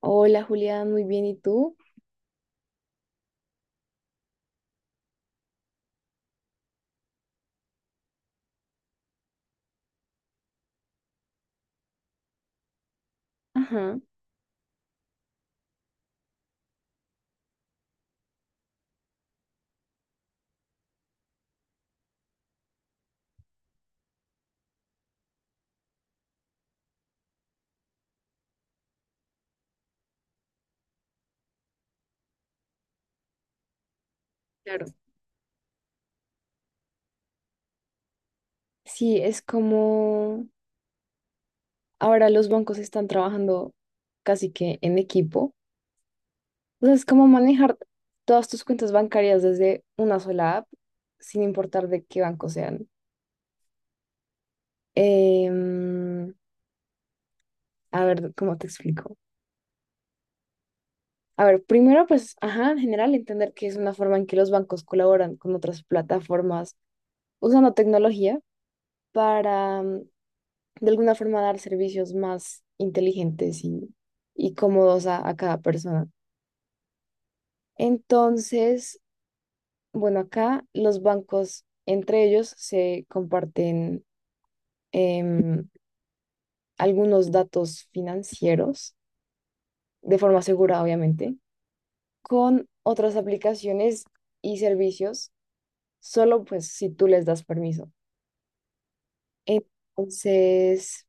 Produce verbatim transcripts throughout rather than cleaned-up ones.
Hola Julián, muy bien, ¿y tú? Ajá. Claro. Sí, es como ahora los bancos están trabajando casi que en equipo. Entonces es como manejar todas tus cuentas bancarias desde una sola app, sin importar de qué banco sean. Em, a ver, ¿cómo te explico? A ver, primero, pues, ajá, en general, entender que es una forma en que los bancos colaboran con otras plataformas usando tecnología para de alguna forma dar servicios más inteligentes y, y cómodos a, a cada persona. Entonces, bueno, acá los bancos entre ellos se comparten em, algunos datos financieros de forma segura, obviamente, con otras aplicaciones y servicios, solo pues si tú les das permiso. Entonces,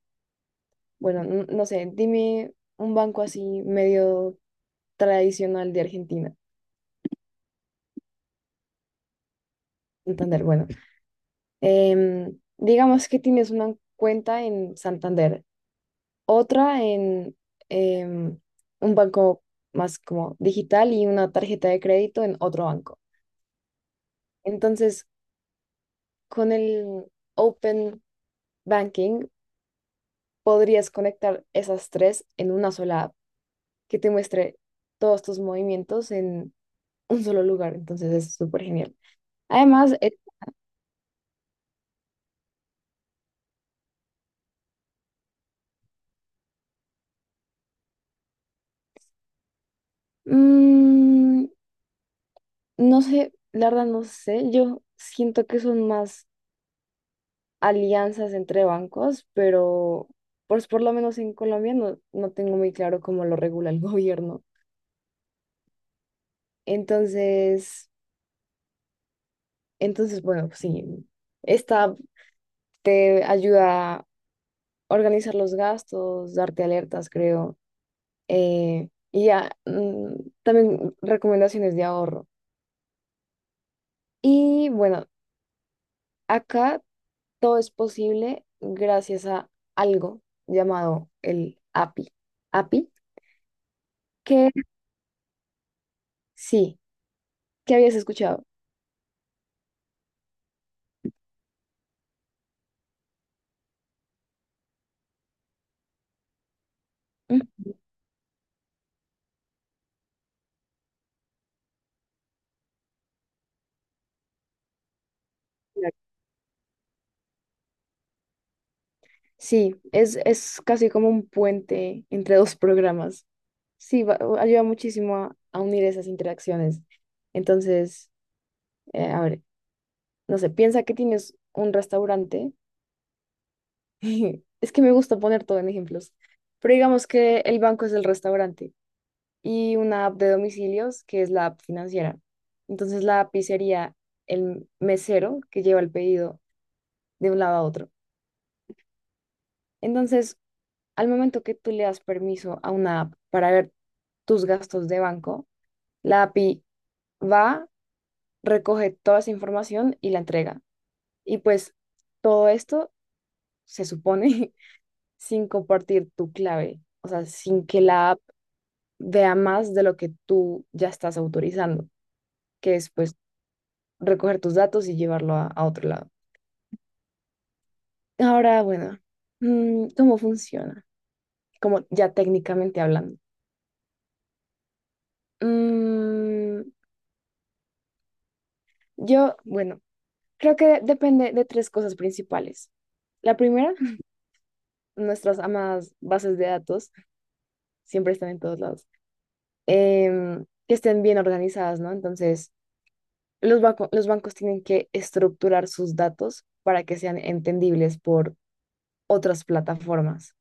bueno, n- no sé, dime un banco así medio tradicional de Argentina. Santander, bueno. Em, digamos que tienes una cuenta en Santander, otra en em, un banco más como digital y una tarjeta de crédito en otro banco. Entonces, con el Open Banking podrías conectar esas tres en una sola app que te muestre todos tus movimientos en un solo lugar. Entonces, es súper genial. Además, eh, mm, no sé, la verdad no sé, yo siento que son más alianzas entre bancos, pero pues por lo menos en Colombia no, no tengo muy claro cómo lo regula el gobierno. Entonces, entonces, bueno, pues sí, esta te ayuda a organizar los gastos, darte alertas, creo, eh, y ya, mm, también recomendaciones de ahorro. Y bueno, acá todo es posible gracias a algo llamado el A P I. A P I, que sí, que habías escuchado. Ujú. Sí, es, es casi como un puente entre dos programas. Sí, va- ayuda muchísimo a, a unir esas interacciones. Entonces, eh, a ver, no sé, piensa que tienes un restaurante. Es que me gusta poner todo en ejemplos. Pero digamos que el banco es el restaurante y una app de domicilios que es la app financiera. Entonces, la app sería el mesero que lleva el pedido de un lado a otro. Entonces, al momento que tú le das permiso a una app para ver tus gastos de banco, la A P I va, recoge toda esa información y la entrega. Y pues todo esto se supone sin compartir tu clave, o sea, sin que la app vea más de lo que tú ya estás autorizando, que es pues recoger tus datos y llevarlo a, a otro lado. Ahora, bueno, mm, ¿cómo funciona? Como ya técnicamente hablando. Mm, yo, bueno. Creo que depende de tres cosas principales. La primera, nuestras amadas bases de datos siempre están en todos lados, em, que estén bien organizadas, ¿no? Entonces, los banco- los bancos tienen que estructurar sus datos para que sean entendibles por otras plataformas,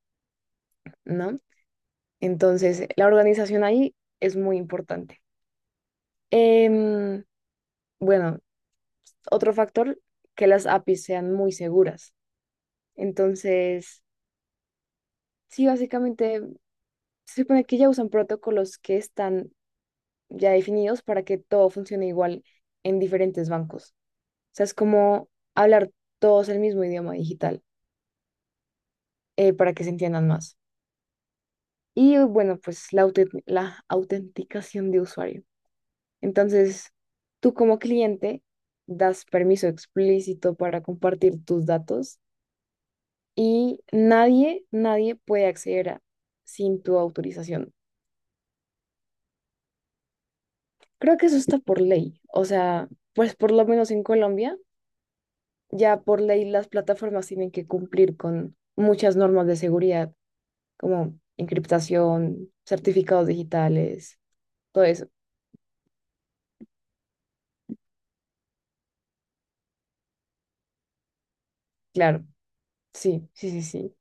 ¿no? Entonces, la organización ahí es muy importante. Em, bueno, otro factor, que las A P Is sean muy seguras. Entonces, sí, básicamente se supone que ya usan protocolos que están ya definidos para que todo funcione igual en diferentes bancos. O sea, es como hablar todos el mismo idioma digital eh, para que se entiendan más. Y bueno, pues la, autent- la autenticación de usuario. Entonces, tú como cliente das permiso explícito para compartir tus datos y nadie, nadie puede acceder a- sin tu autorización. Creo que eso está por ley. O sea, pues por lo menos en Colombia ya por ley las plataformas tienen que cumplir con muchas normas de seguridad, como encriptación, certificados digitales, todo eso. Claro, sí, sí, sí, sí.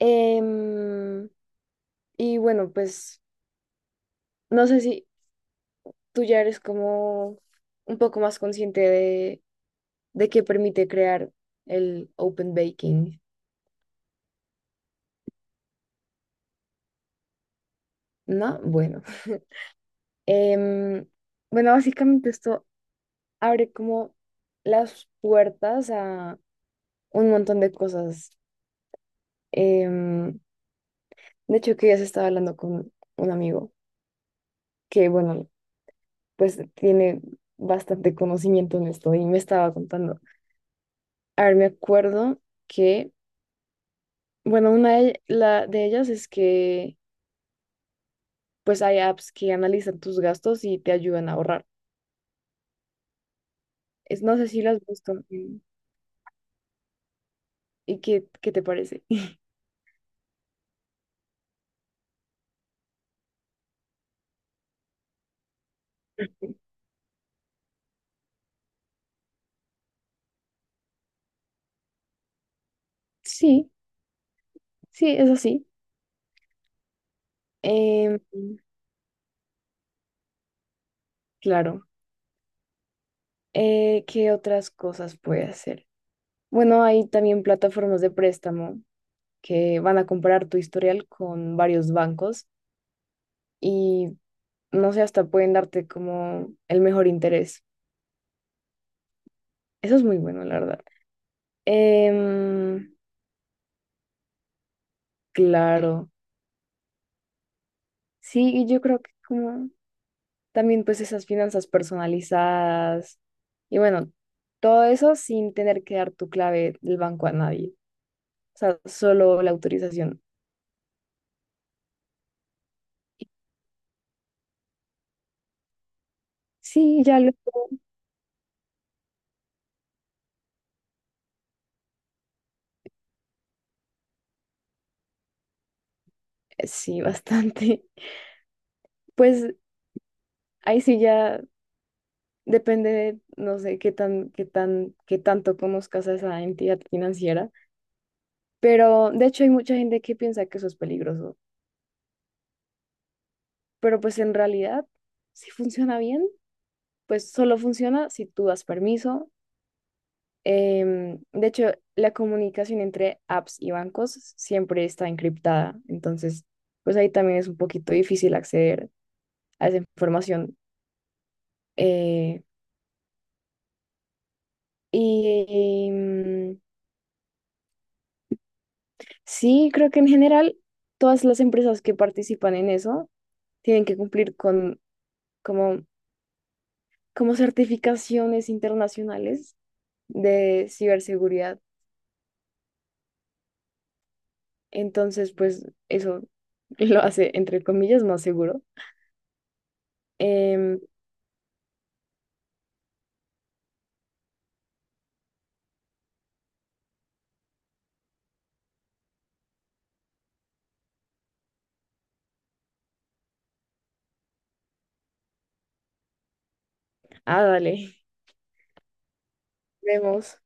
Em, y bueno, pues no sé si tú ya eres como un poco más consciente de, de qué permite crear el Open Baking, ¿no? Bueno. Em, bueno, básicamente esto abre como las puertas a un montón de cosas. Em, de hecho, que ya se estaba hablando con un amigo que, bueno, pues tiene bastante conocimiento en esto y me estaba contando. A ver, me acuerdo que, bueno, una de, la, de ellas es que, pues hay apps que analizan tus gastos y te ayudan a ahorrar. Es, no sé si las has visto mm, y qué, qué te parece. Sí, sí, es así. Em, claro. Eh, ¿qué otras cosas puede hacer? Bueno, hay también plataformas de préstamo que van a comparar tu historial con varios bancos y no sé, hasta pueden darte como el mejor interés. Eso es muy bueno, la verdad. Em, claro, sí, y yo creo que como también pues esas finanzas personalizadas y bueno, todo eso sin tener que dar tu clave del banco a nadie, o sea, solo la autorización. Sí, ya lo... eh, sí, bastante. Pues ahí sí ya depende de, no sé, qué tan, qué tan, qué tanto conozcas a esa entidad financiera. Pero de hecho hay mucha gente que piensa que eso es peligroso. Pero pues en realidad, si funciona bien, pues solo funciona si tú das permiso. Em, de hecho, la comunicación entre apps y bancos siempre está encriptada. Entonces, pues ahí también es un poquito difícil acceder a esa información. Eh, y sí, creo que en general todas las empresas que participan en eso tienen que cumplir con como, como certificaciones internacionales de ciberseguridad. Entonces, pues eso lo hace, entre comillas, más seguro. Em, ah, dale, vemos.